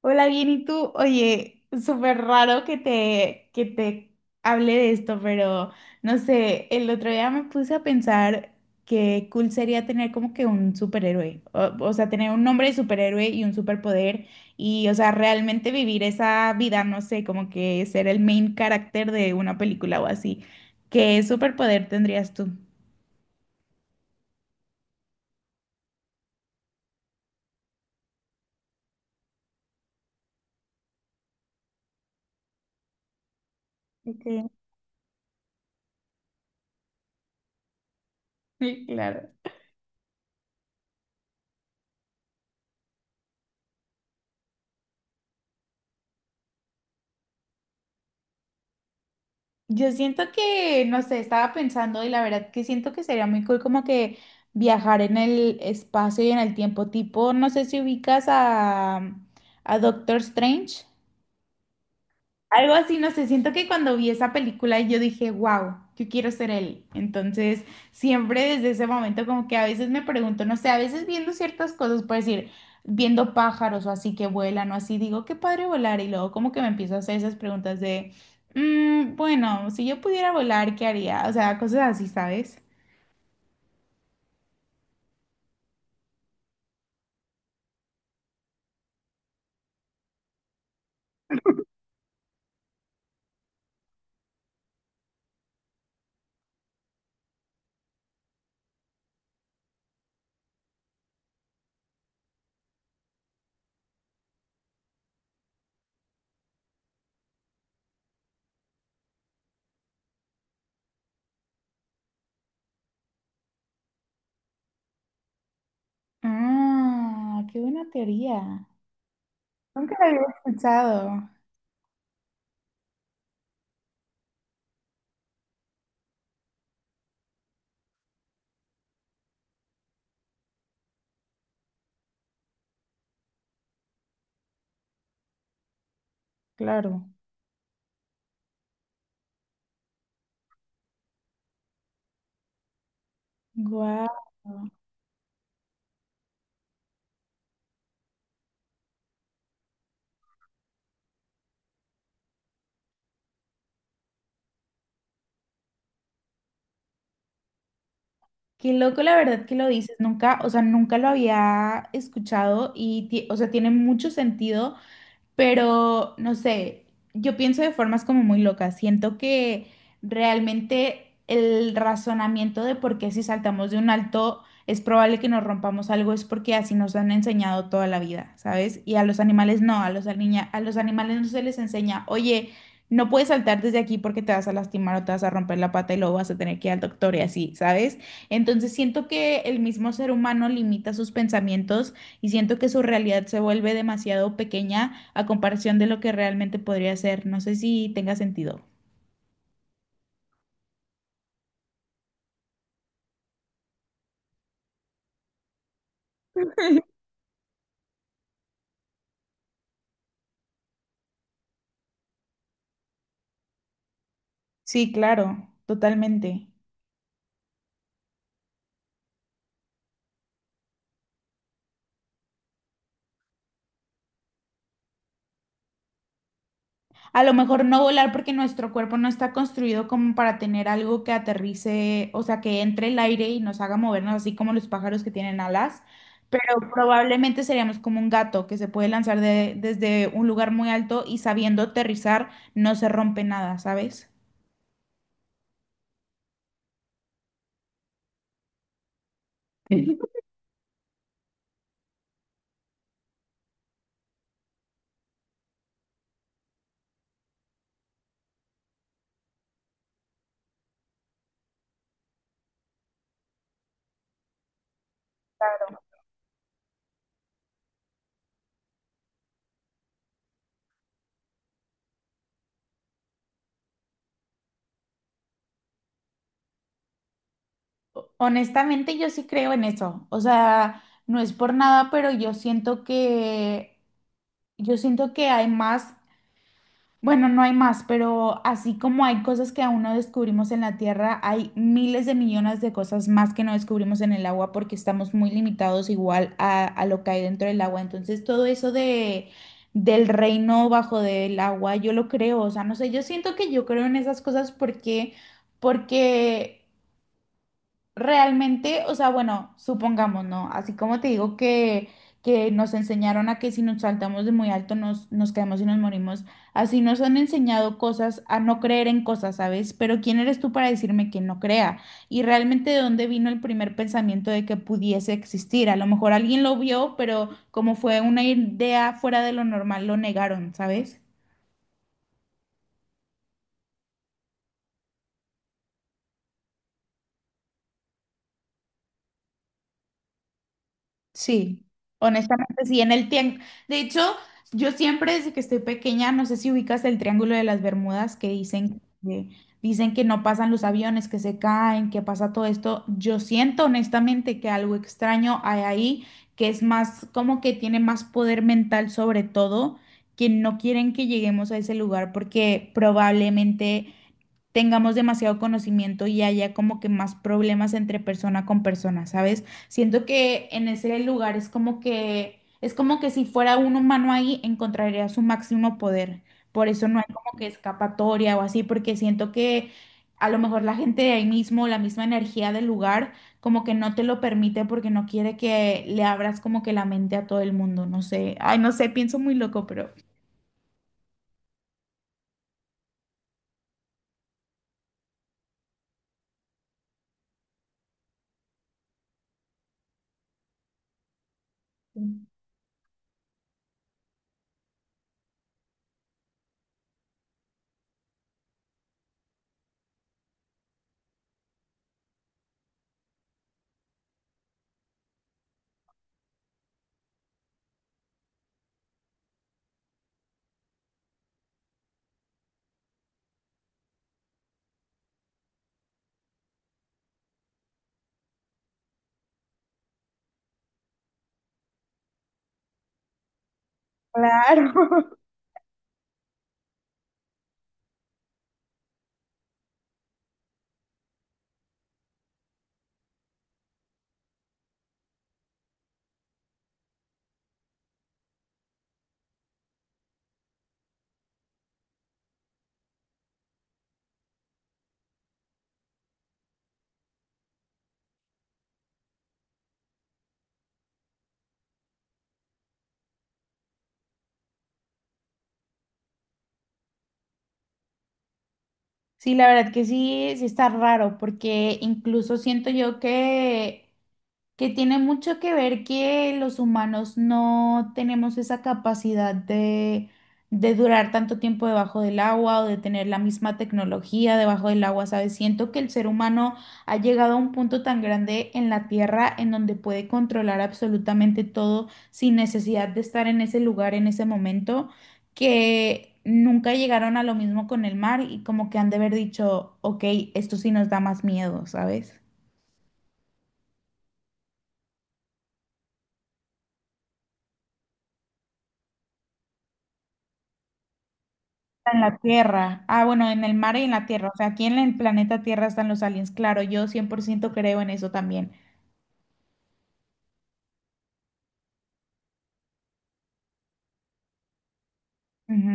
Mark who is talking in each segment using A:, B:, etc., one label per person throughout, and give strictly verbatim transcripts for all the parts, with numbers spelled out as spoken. A: Hola, bien, ¿y tú? Oye, súper raro que te, que te hable de esto, pero no sé, el otro día me puse a pensar que cool sería tener como que un superhéroe, o, o sea, tener un nombre de superhéroe y un superpoder y, o sea, realmente vivir esa vida, no sé, como que ser el main character de una película o así. ¿Qué superpoder tendrías tú? Ok, sí, claro. Yo siento que, no sé, estaba pensando y la verdad que siento que sería muy cool como que viajar en el espacio y en el tiempo, tipo, no sé si ubicas a, a Doctor Strange. Algo así, no sé, siento que cuando vi esa película yo dije, wow, yo quiero ser él. Entonces, siempre desde ese momento como que a veces me pregunto, no sé, a veces viendo ciertas cosas, por decir, viendo pájaros o así que vuelan o así, digo, qué padre volar. Y luego como que me empiezo a hacer esas preguntas de, "Mm, bueno, si yo pudiera volar, ¿qué haría?" O sea, cosas así, ¿sabes? Ah, qué buena teoría. Nunca la había escuchado. Claro. Guau. Qué loco, la verdad que lo dices, nunca, o sea, nunca lo había escuchado y, ti- o sea, tiene mucho sentido pero, no sé, yo pienso de formas como muy locas. Siento que realmente el razonamiento de por qué si saltamos de un alto es probable que nos rompamos algo es porque así nos han enseñado toda la vida, ¿sabes? Y a los animales no, a los, aliña- a los animales no se les enseña, oye, no puedes saltar desde aquí porque te vas a lastimar o te vas a romper la pata y luego vas a tener que ir al doctor y así, ¿sabes? Entonces siento que el mismo ser humano limita sus pensamientos y siento que su realidad se vuelve demasiado pequeña a comparación de lo que realmente podría ser. No sé si tenga sentido. Sí, claro, totalmente. A lo mejor no volar porque nuestro cuerpo no está construido como para tener algo que aterrice, o sea, que entre el aire y nos haga movernos, así como los pájaros que tienen alas, pero probablemente seríamos como un gato que se puede lanzar de- desde un lugar muy alto y sabiendo aterrizar no se rompe nada, ¿sabes? Sí. Honestamente, yo sí creo en eso. O sea, no es por nada, pero yo siento que Yo siento que hay más, bueno, no hay más, pero así como hay cosas que aún no descubrimos en la Tierra, hay miles de millones de cosas más que no descubrimos en el agua porque estamos muy limitados igual a, a lo que hay dentro del agua. Entonces, todo eso de del reino bajo del agua, yo lo creo, o sea, no sé, yo siento que yo creo en esas cosas porque porque realmente, o sea, bueno, supongamos, ¿no? Así como te digo que, que nos enseñaron a que si nos saltamos de muy alto nos, nos caemos y nos morimos, así nos han enseñado cosas a no creer en cosas, ¿sabes? Pero ¿quién eres tú para decirme que no crea? Y realmente de dónde vino el primer pensamiento de que pudiese existir. A lo mejor alguien lo vio, pero como fue una idea fuera de lo normal, lo negaron, ¿sabes? Sí, honestamente sí, en el tiempo. De hecho, yo siempre desde que estoy pequeña, no sé si ubicas el Triángulo de las Bermudas que dicen que, dicen que no pasan los aviones, que se caen, que pasa todo esto. Yo siento honestamente que algo extraño hay ahí, que es más como que tiene más poder mental sobre todo, que no quieren que lleguemos a ese lugar porque probablemente tengamos demasiado conocimiento y haya como que más problemas entre persona con persona, ¿sabes? Siento que en ese lugar es como que, es como que si fuera un humano ahí, encontraría su máximo poder. Por eso no hay como que escapatoria o así, porque siento que a lo mejor la gente de ahí mismo, la misma energía del lugar, como que no te lo permite porque no quiere que le abras como que la mente a todo el mundo, no sé. Ay, no sé, pienso muy loco, pero... Claro. Sí, la verdad que sí, sí está raro, porque incluso siento yo que que tiene mucho que ver que los humanos no tenemos esa capacidad de, de durar tanto tiempo debajo del agua o de tener la misma tecnología debajo del agua, ¿sabes? Siento que el ser humano ha llegado a un punto tan grande en la Tierra en donde puede controlar absolutamente todo sin necesidad de estar en ese lugar en ese momento, que nunca llegaron a lo mismo con el mar y como que han de haber dicho, ok, esto sí nos da más miedo, ¿sabes? En la Tierra. Ah, bueno, en el mar y en la Tierra. O sea, aquí en el planeta Tierra están los aliens. Claro, yo cien por ciento creo en eso también. Ujú.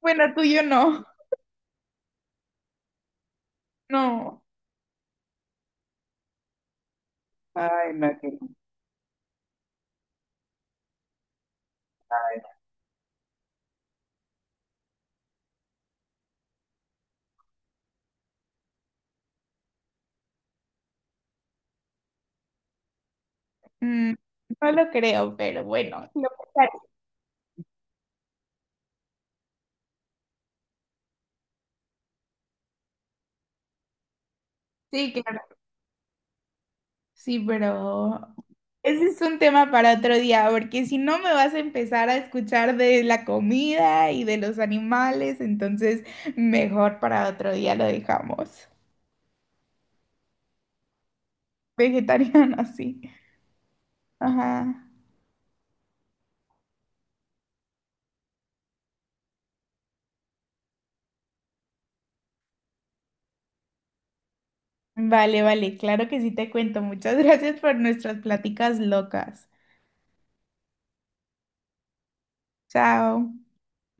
A: Bueno, tú y yo no. No. Ay, no, qué- Mm, no lo creo, pero bueno, sí lo pensaré. Sí, claro. Sí, pero ese es un tema para otro día, porque si no me vas a empezar a escuchar de la comida y de los animales, entonces mejor para otro día lo dejamos. Vegetariano, sí. Ajá. Vale, vale, claro que sí te cuento. Muchas gracias por nuestras pláticas locas. Chao.